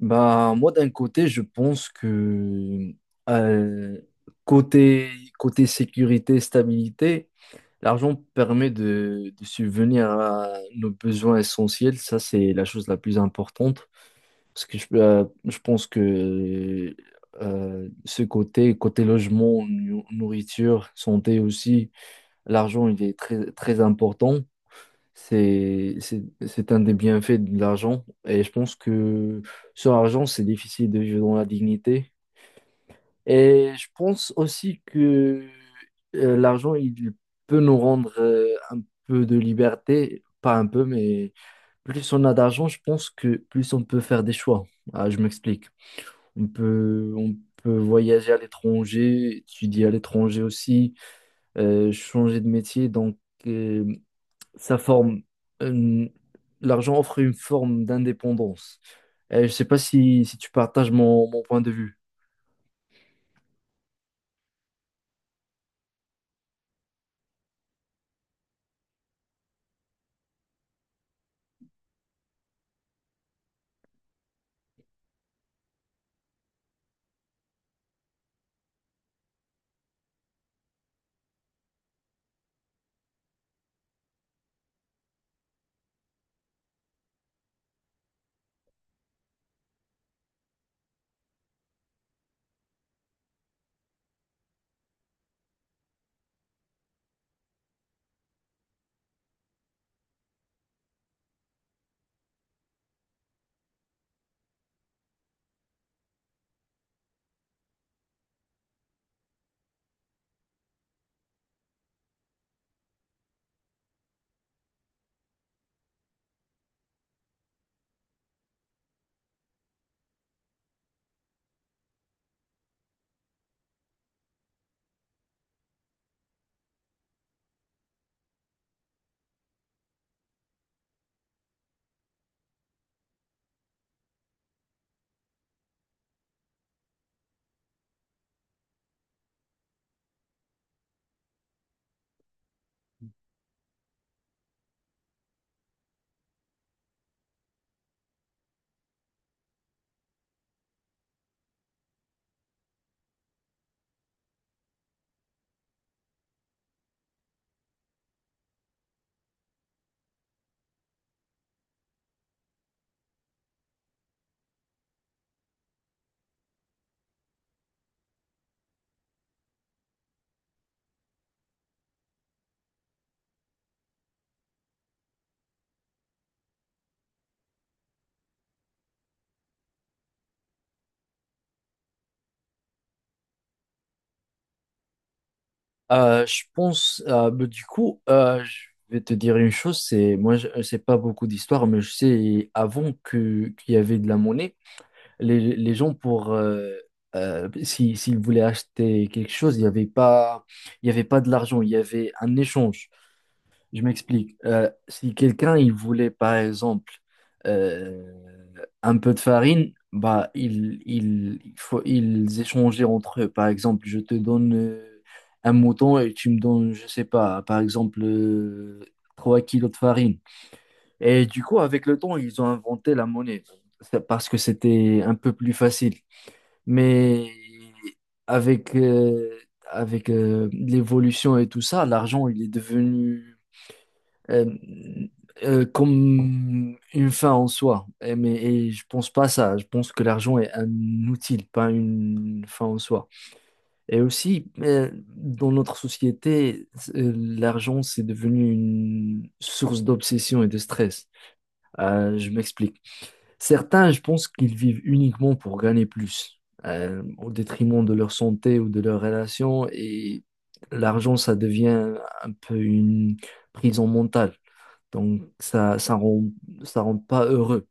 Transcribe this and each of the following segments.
Bah, moi, d'un côté, je pense que euh, côté, côté sécurité, stabilité, l'argent permet de subvenir à nos besoins essentiels. Ça, c'est la chose la plus importante. Parce que je pense que ce côté, côté logement, nourriture, santé aussi, l'argent, il est très, très important. C'est un des bienfaits de l'argent. Et je pense que sur l'argent, c'est difficile de vivre dans la dignité. Et je pense aussi que l'argent, il peut nous rendre un peu de liberté. Pas un peu, mais plus on a d'argent, je pense que plus on peut faire des choix. Ah, je m'explique. On peut voyager à l'étranger, étudier à l'étranger aussi, changer de métier. Donc, euh, ça forme une- l'argent offre une forme d'indépendance. Je sais pas si tu partages mon point de vue. Du coup, je vais te dire une chose, c'est moi je ne sais pas beaucoup d'histoire, mais je sais avant que qu'il y avait de la monnaie, les gens pour si, s'ils voulaient acheter quelque chose, il y avait pas de l'argent, il y avait un échange. Je m'explique. Si quelqu'un il voulait par exemple euh, un peu de farine, il faut ils échangeaient entre eux. Par exemple, je te donne un mouton et tu me donnes, je sais pas, par exemple 3 kilos de farine. Et du coup, avec le temps, ils ont inventé la monnaie. C'est parce que c'était un peu plus facile. Mais avec euh, avec l'évolution et tout ça, l'argent il est devenu euh, comme une fin en soi. Et, mais et je pense pas ça. Je pense que l'argent est un outil, pas une fin en soi. Et aussi, dans notre société, l'argent, c'est devenu une source d'obsession et de stress. Je m'explique. Certains, je pense qu'ils vivent uniquement pour gagner plus, au détriment de leur santé ou de leurs relations. Et l'argent, ça devient un peu une prison mentale. Donc ça rend pas heureux.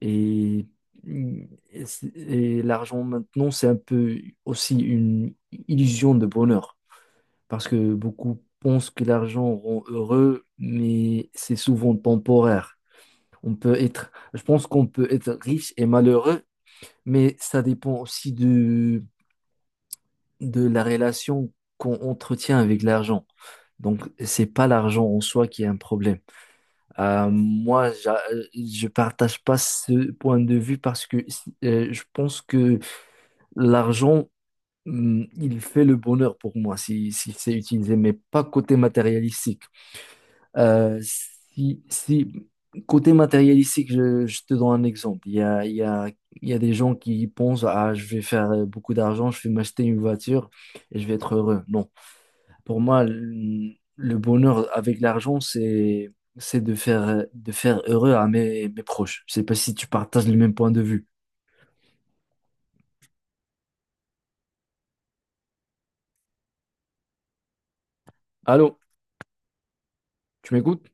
Et, et l'argent maintenant, c'est un peu aussi une illusion de bonheur. Parce que beaucoup pensent que l'argent rend heureux, mais c'est souvent temporaire. Je pense qu'on peut être riche et malheureux, mais ça dépend aussi de la relation qu'on entretient avec l'argent. Donc, c'est pas l'argent en soi qui est un problème. Je partage pas ce point de vue parce que si, je pense que l'argent, il fait le bonheur pour moi si c'est utilisé, mais pas côté matérialistique. Si côté matérialistique, je te donne un exemple. Il y a des gens qui pensent, ah, je vais faire beaucoup d'argent, je vais m'acheter une voiture et je vais être heureux. Non. Pour moi, le bonheur avec l'argent, c'est de faire heureux à mes proches. Je sais pas si tu partages le même point de vue. Allô, tu m'écoutes?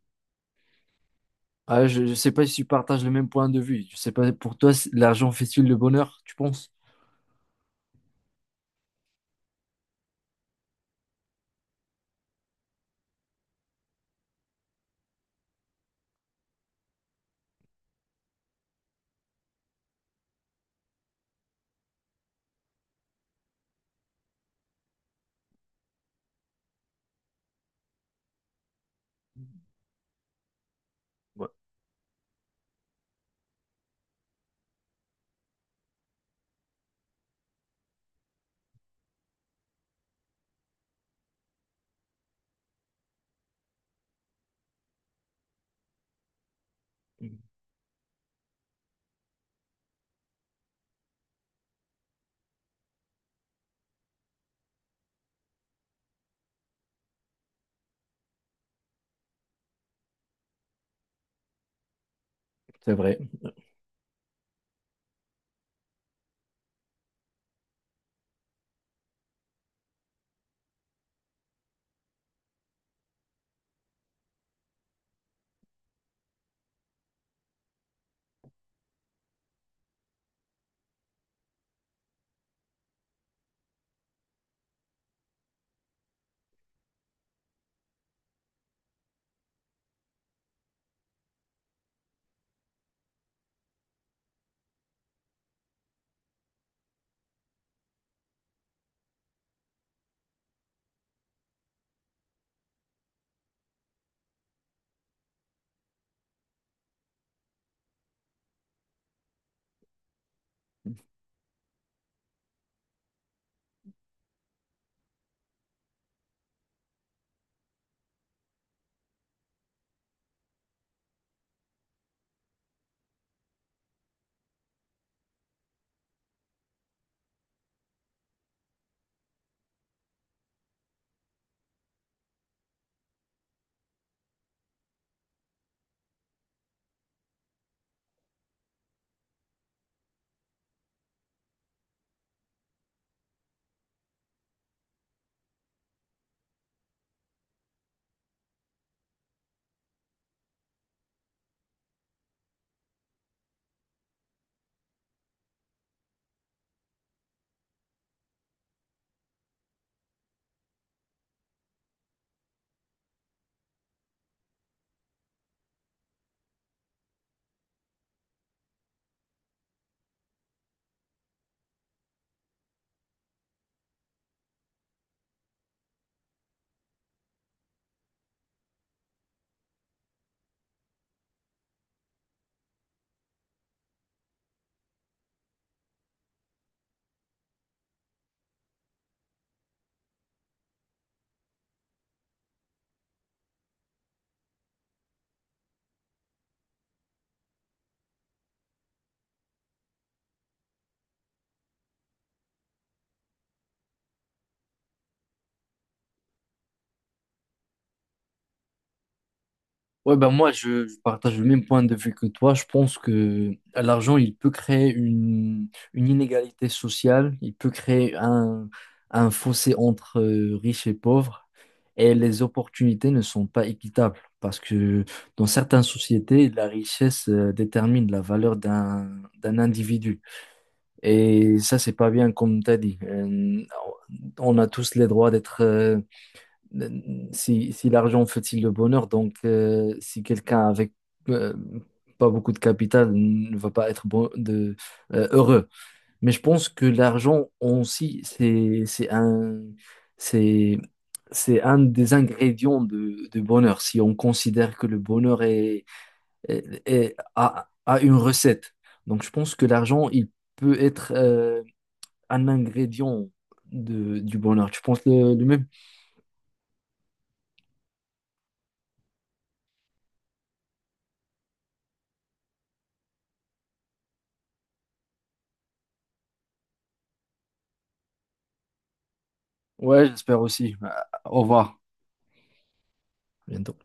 Ah, je sais pas si tu partages le même point de vue. Je sais pas pour toi, si l'argent fait-il le bonheur, tu penses? C'est vrai. Ouais, ben moi, je partage le même point de vue que toi. Je pense que l'argent, il peut créer une inégalité sociale, il peut créer un fossé entre riches et pauvres, et les opportunités ne sont pas équitables parce que dans certaines sociétés, la richesse détermine la valeur d'un individu. Et ça, c'est pas bien, comme tu as dit. On a tous les droits d'être si l'argent fait-il le bonheur, donc si quelqu'un avec euh, pas beaucoup de capital ne va pas être bon, heureux. Mais je pense que l'argent aussi, c'est, c'est un des ingrédients de bonheur. Si on considère que le bonheur a une recette. Donc je pense que l'argent, il peut être un ingrédient de, du bonheur. Tu penses le même? Ouais, j'espère aussi. Au revoir. À bientôt.